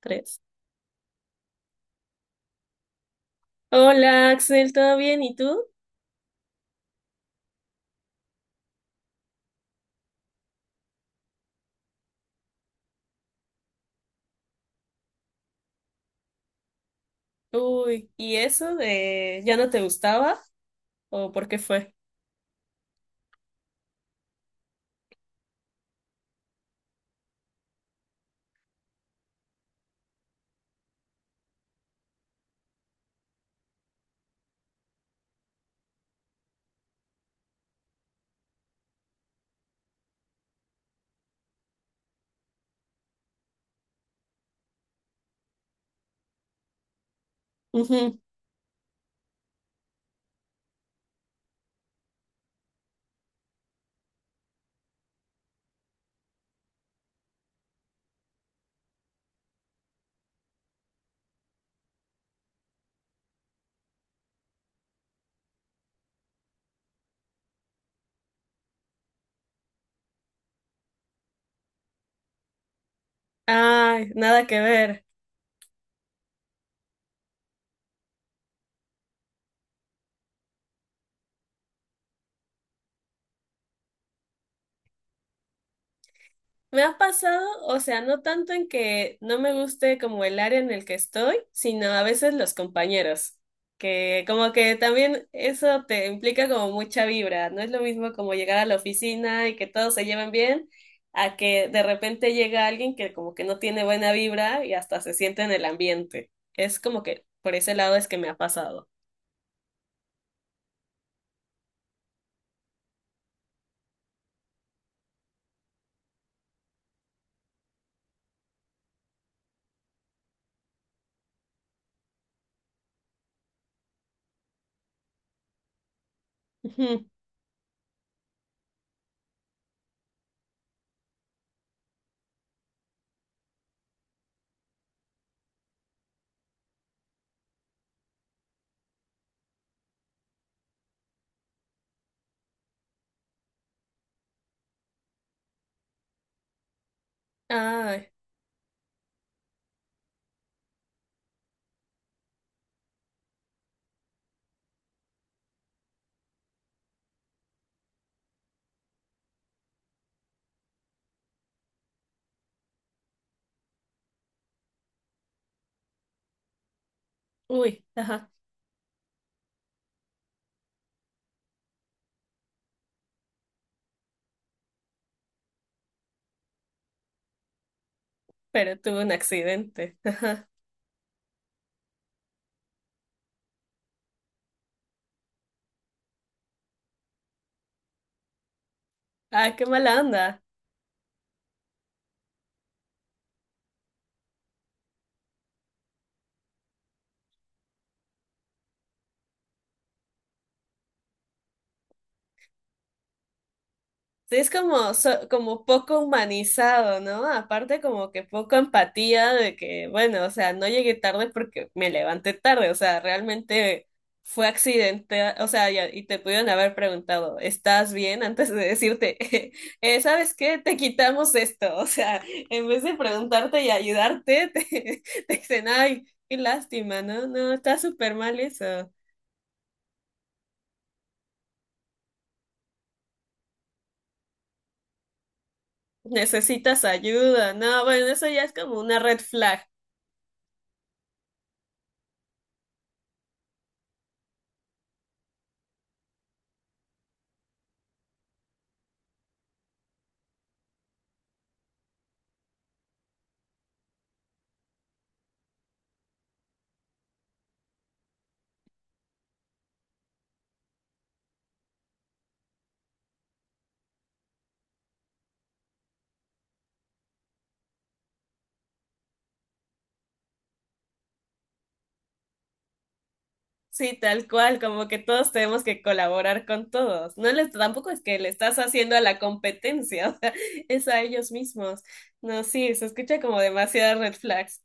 Tres. Hola, Axel, ¿todo bien? ¿Y tú? Uy, ¿y eso de ya no te gustaba? ¿O por qué fue? Ujú. Ay, nada que ver. Me ha pasado, o sea, no tanto en que no me guste como el área en el que estoy, sino a veces los compañeros, que como que también eso te implica como mucha vibra, no es lo mismo como llegar a la oficina y que todos se lleven bien, a que de repente llega alguien que como que no tiene buena vibra y hasta se siente en el ambiente. Es como que por ese lado es que me ha pasado. Ujú. Ay, uy, ajá, pero tuve un accidente. Ajá. Ay, qué mala onda. Sí, es como, como poco humanizado, ¿no? Aparte como que poco empatía de que, bueno, o sea, no llegué tarde porque me levanté tarde, o sea, realmente fue accidente, o sea, y te pudieron haber preguntado, ¿estás bien? Antes de decirte, ¿sabes qué? Te quitamos esto, o sea, en vez de preguntarte y ayudarte, te dicen, ay, qué lástima, ¿no? No, está súper mal eso. Necesitas ayuda, no, bueno, eso ya es como una red flag. Sí, tal cual, como que todos tenemos que colaborar con todos. No les, tampoco es que le estás haciendo a la competencia, o sea, es a ellos mismos. No, sí, se escucha como demasiadas red flags.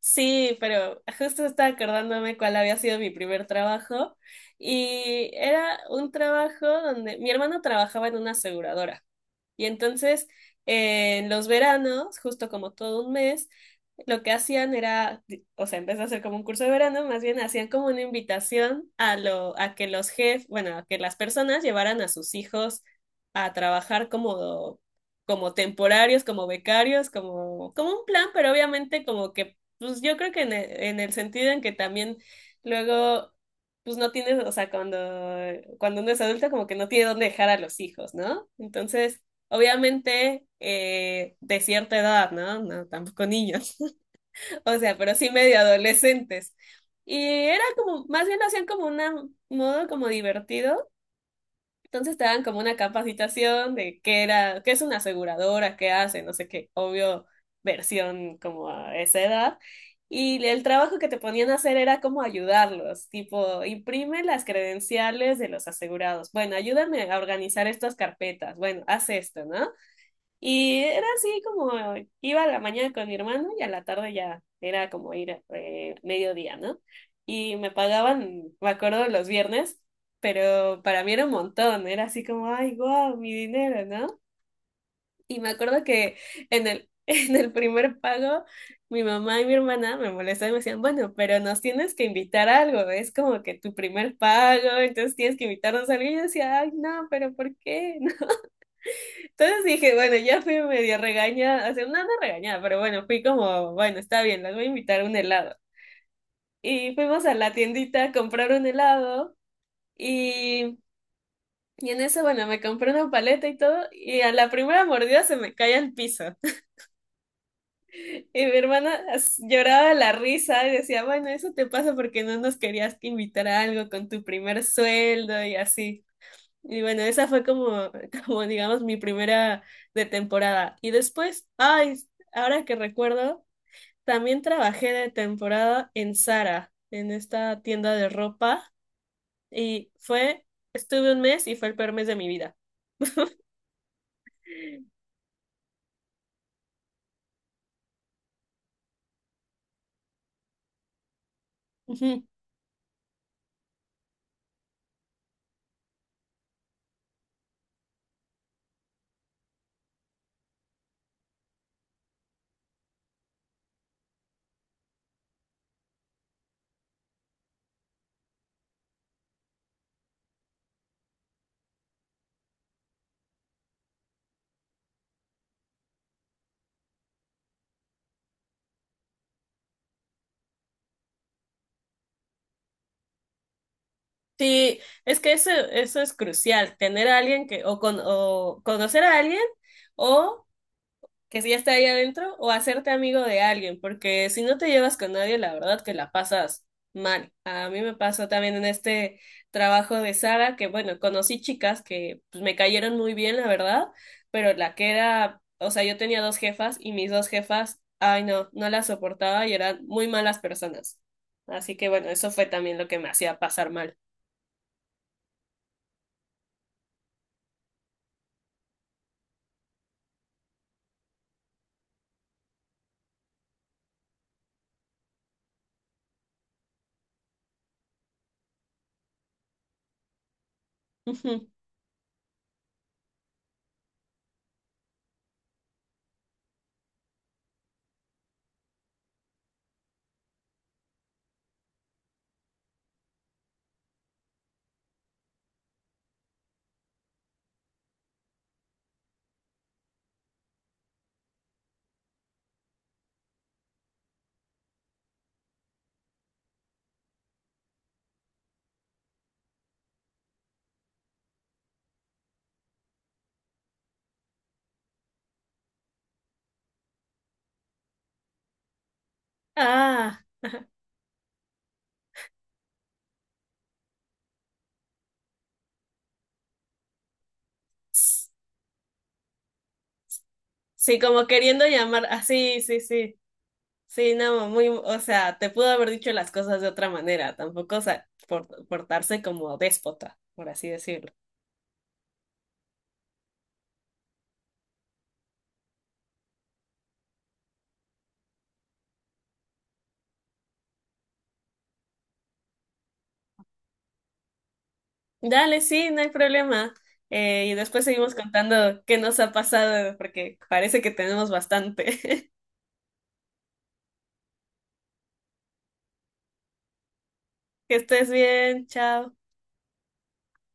Sí, pero justo estaba acordándome cuál había sido mi primer trabajo y era un trabajo donde mi hermano trabajaba en una aseguradora. Y entonces, en los veranos, justo como todo un mes, lo que hacían era, o sea, en vez de hacer como un curso de verano, más bien hacían como una invitación a que los jefes, bueno, a que las personas llevaran a sus hijos a trabajar como, como temporarios, como becarios, como, como un plan, pero obviamente como que, pues yo creo que en el sentido en que también luego, pues no tienes, o sea, cuando, cuando uno es adulto como que no tiene dónde dejar a los hijos, ¿no? Entonces, obviamente de cierta edad, ¿no? No, tampoco niños, o sea, pero sí medio adolescentes. Y era como, más bien lo hacían como un modo como divertido. Entonces te daban como una capacitación de qué era, qué es una aseguradora, qué hace, no sé qué, obvio, versión como a esa edad. Y el trabajo que te ponían a hacer era como ayudarlos, tipo, imprime las credenciales de los asegurados. Bueno, ayúdame a organizar estas carpetas. Bueno, haz esto, ¿no? Y era así como iba a la mañana con mi hermano y a la tarde ya era como ir mediodía, ¿no? Y me pagaban, me acuerdo, los viernes, pero para mí era un montón, era así como, ay, guau, mi dinero, ¿no? Y me acuerdo que en el, en el primer pago mi mamá y mi hermana me molestaban y me decían, bueno, pero nos tienes que invitar a algo, es como que tu primer pago, entonces tienes que invitarnos a algo. Y yo decía, ay, no, pero ¿por qué? Entonces dije, bueno, ya fui medio regañada, o sea, no, no regañada, pero bueno, fui como, bueno, está bien, las voy a invitar a un helado. Y fuimos a la tiendita a comprar un helado y, y en eso, bueno, me compré una paleta y todo y a la primera mordida se me cae al piso. Y mi hermana lloraba de la risa y decía, bueno, eso te pasa porque no nos querías invitar a algo con tu primer sueldo y así. Y bueno, esa fue como, como digamos, mi primera de temporada. Y después, ay, ahora que recuerdo, también trabajé de temporada en Zara, en esta tienda de ropa. Y fue, estuve un mes y fue el peor mes de mi vida. Ujú. Sí, es que eso es crucial, tener a alguien que, o, con, o conocer a alguien, o que si ya está ahí adentro o hacerte amigo de alguien, porque si no te llevas con nadie, la verdad que la pasas mal. A mí me pasó también en este trabajo de Sara, que bueno, conocí chicas que pues, me cayeron muy bien, la verdad, pero la que era, o sea, yo tenía 2 jefas y mis 2 jefas, ay no, no las soportaba y eran muy malas personas. Así que bueno, eso fue también lo que me hacía pasar mal. Ujú. Ah, sí, como queriendo llamar, así, sí, sí. Sí. Sí, no, muy, o sea, te pudo haber dicho las cosas de otra manera, tampoco, o sea, portarse como déspota, por así decirlo. Dale, sí, no hay problema. Y después seguimos contando qué nos ha pasado, porque parece que tenemos bastante. Que estés bien, chao.